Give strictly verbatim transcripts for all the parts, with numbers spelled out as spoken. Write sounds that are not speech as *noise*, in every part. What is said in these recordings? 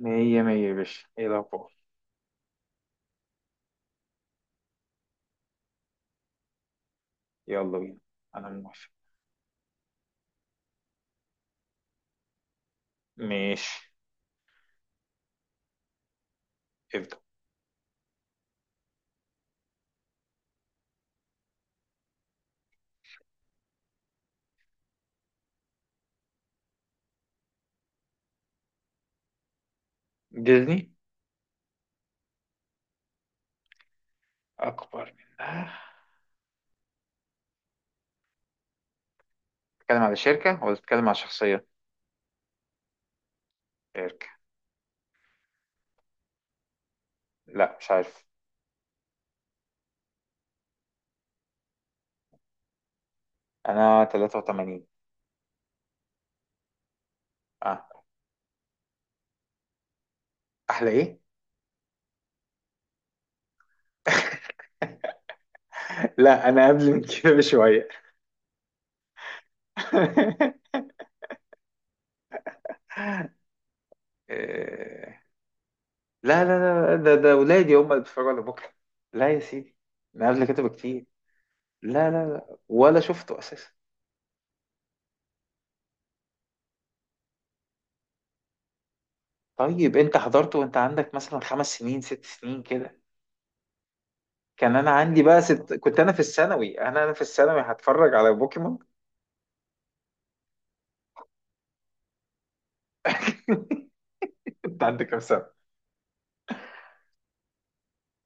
مية مية يا باشا، ايه الأخبار؟ يلا بينا. أنا موافق. ماشي. ابدأ. ديزني. أكبر منها؟ بتتكلم على شركة ولا بتتكلم على شخصية؟ شركة. لا، مش عارف. أنا ثلاثة وثمانين. أه. أحلى إيه؟ *laughs* لا، أنا قبل من كده بشوية. *laughs* إيه، لا لا لا، ده ده ولادي هم اللي بيتفرجوا على بكرة. لا يا سيدي. أنا قبل كده بكتير. لا لا لا، ولا شفته أساسا. طيب انت حضرت وانت عندك مثلا خمس سنين ست سنين كده؟ كان انا عندي بقى ست، كنت انا في الثانوي، انا انا في الثانوي هتفرج على بوكيمون. *laughs* انت عندك كام سنة؟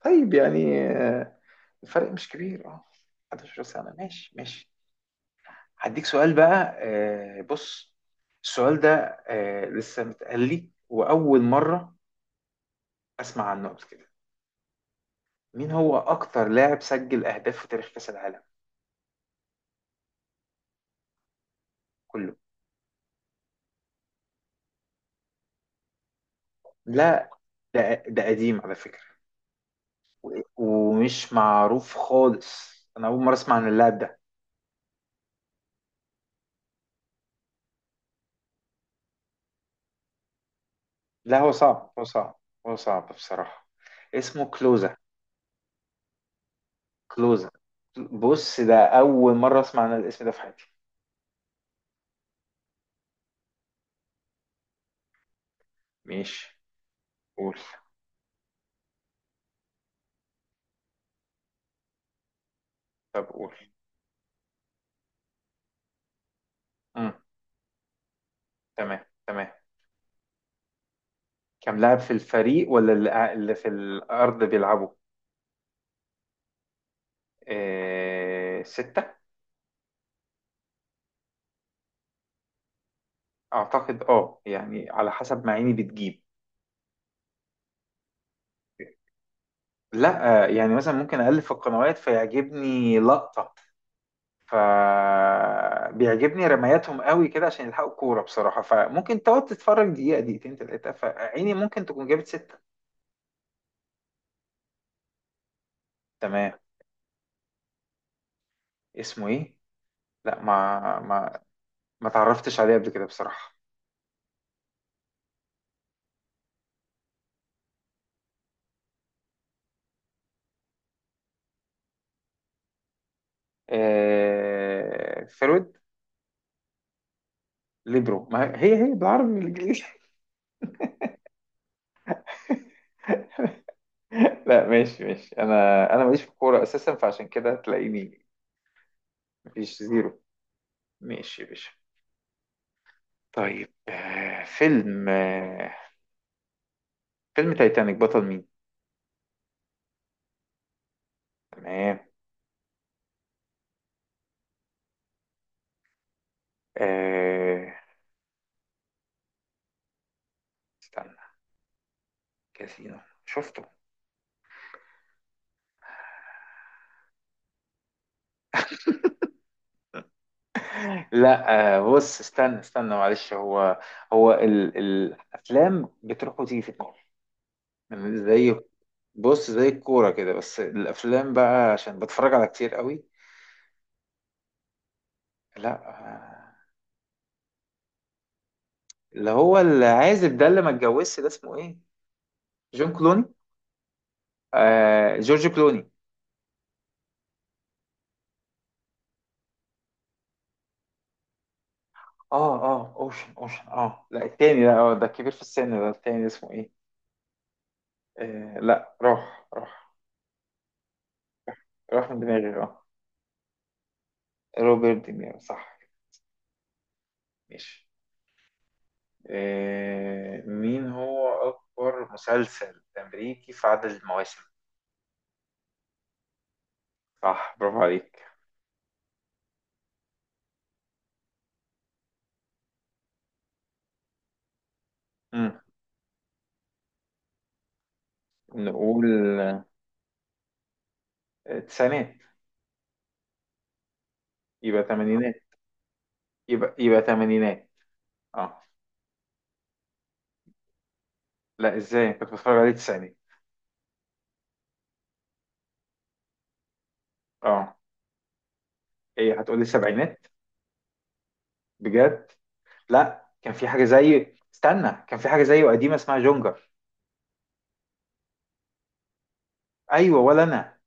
طيب يعني، آه، الفرق مش كبير اه. 11 سنة. ماشي ماشي. هديك سؤال بقى، آه، بص، السؤال ده آه، لسه متقال لي واول مرة اسمع عنه قبل كده. مين هو اكتر لاعب سجل اهداف في تاريخ كأس العالم كله؟ لا، ده ده قديم على فكرة. ومش معروف خالص، انا اول مره اسمع عن اللاعب ده. لا، هو صعب هو صعب. هو صعب بصراحه. اسمه كلوزا. كلوزا. بص، ده اول مره اسمع عن الاسم ده في حياتي. ماشي. قول. طب قول. امم. تمام تمام. كم لاعب في الفريق؟ ولا اللي اللي في الارض بيلعبوا؟ آه... سته. اعتقد اه، يعني على حسب ما عيني بتجيب. لا، آه، يعني مثلا ممكن اقلب في القنوات فيعجبني لقطه، فبيعجبني رمياتهم قوي كده عشان يلحقوا الكوره بصراحه، فممكن تقعد تتفرج دقيقه دقيقتين ثلاثه، فعيني ممكن تكون جابت سته. تمام. اسمه ايه؟ لا، ما ما ما تعرفتش عليه قبل كده بصراحه. آه... فرويد. ليبرو. ما هي هي بالعربي بالانجليزي. *laughs* لا، ماشي ماشي. انا، انا ماليش في الكوره اساسا، فعشان كده تلاقيني مفيش زيرو. ماشي يا باشا. طيب، آه، فيلم، آه، فيلم تايتانيك بطل مين؟ تمام. آه استنى، كاسينو، شفته. لا، آه بص، استنى استنى، معلش، هو هو ال... الافلام بتروح وتيجي في دماغي، يعني زي، بص زي الكوره كده، بس الافلام بقى عشان بتفرج على كتير قوي. لا، آه، اللي هو العازب ده، اللي ما اتجوزش، ده اسمه ايه؟ جون كلوني. آه، جورج كلوني. اه اه، اوشن اوشن، اه لا التاني، لا، آه، ده كبير في السن، ده التاني اسمه ايه؟ آه لا، روح روح. روح من دماغي اه. روبرت دينيرو صح. ماشي. آه، مين هو أكبر مسلسل أمريكي في عدد المواسم؟ صح، برافو عليك. مم. نقول آه، تسعينات. يبقى تمانينات. يبقى يبقى تمانينات. اه. لا ازاي، كنت بتفرج عليه تسعينات. اه. ايه، هتقولي سبعينات؟ بجد؟ لا، كان في حاجة زي، استنى، كان في حاجة زيه قديمة اسمها جونجر. ايوه، ولا انا.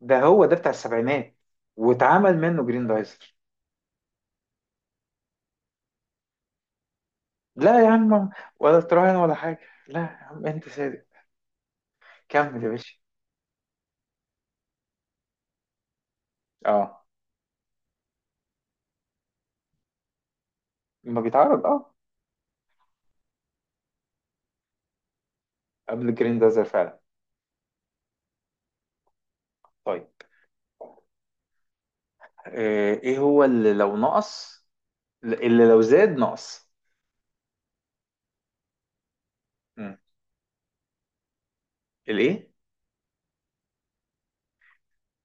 ده هو ده بتاع السبعينات، واتعمل منه جرين دايزر. لا يا عم. ولا تراهن ولا حاجة. لا يا عم، أنت صادق. كمل يا باشا. أه، لما بيتعرض أه. قبل الجرين دازر فعلا. طيب. آه، إيه هو اللي لو نقص، اللي لو زاد نقص؟ مم. الإيه؟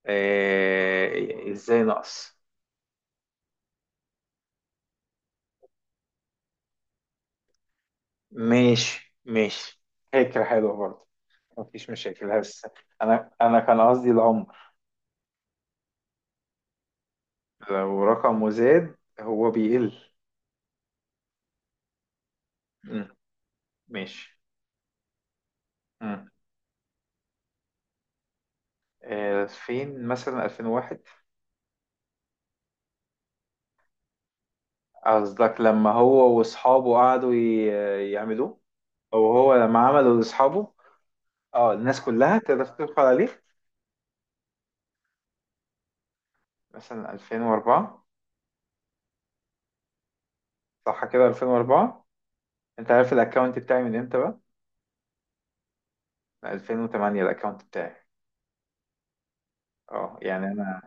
آه، إزاي نقص؟ ماشي ماشي. فكرة حلوة برضه. مفيش مشاكل بس. أنا أنا كان قصدي العمر. لو رقمه زاد هو بيقل. مم. ماشي. مم. ألفين مثلا، ألفين وواحد. قصدك لما هو واصحابه قعدوا ي- يعملوه؟ او هو لما عمله لاصحابه؟ اه، الناس كلها تقدر تدخل عليه. مثلا ألفين وأربعة. صح كده، ألفين وأربعة. انت عارف الاكونت بتاعي من امتى بقى؟ من ألفين وتمانية الاكونت بتاعي. اه يعني انا،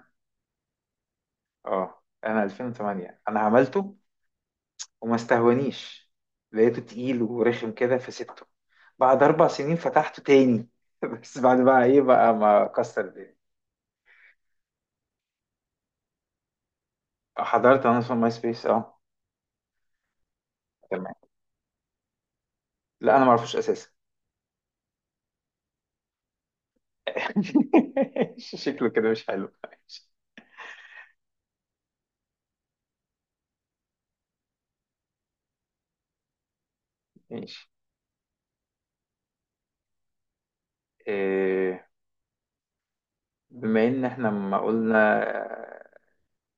اه، انا ألفين وثمانية انا عملته. وما استهونيش، لقيته تقيل ورخم كده فسيبته. بعد اربع سنين فتحته تاني. *laughs* بس بعد بقى ايه بقى، ما كسر الدنيا. حضرت انا في ماي سبيس اه. لا انا ما اعرفوش اساسا. *laughs* شكله كده مش حلو. ماشي. ماشي. إيه، بما ان احنا ما قلنا، آه،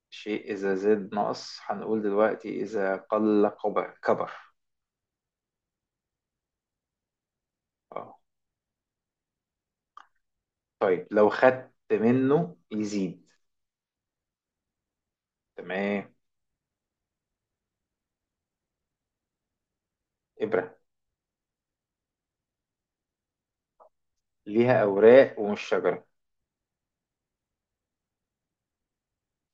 شيء اذا زاد نقص، هنقول دلوقتي اذا قل كبر كبر. اه. طيب لو خدت منه يزيد. تمام. ابرة. ليها اوراق ومش شجرة.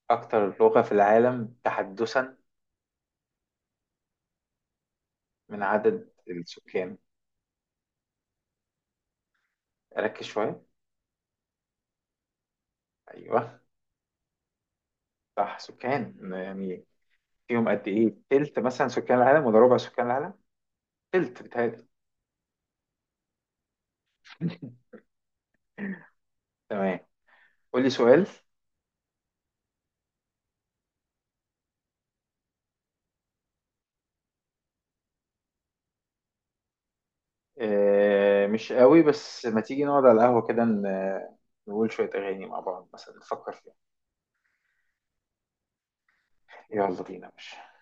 اكتر لغة في العالم تحدثا من عدد السكان. ركز شوية. ايوه. صح، سكان يعني. فيهم قد ايه، تلت مثلا سكان العالم ولا ربع سكان العالم؟ قلت بتهيألي. *laughs* تمام. قول لي سؤال. آه، مش قوي، بس ما تيجي نقعد على القهوة كده، ن- نقول شوية أغاني مع بعض مثلا نفكر فيها. يلا بينا يا باشا.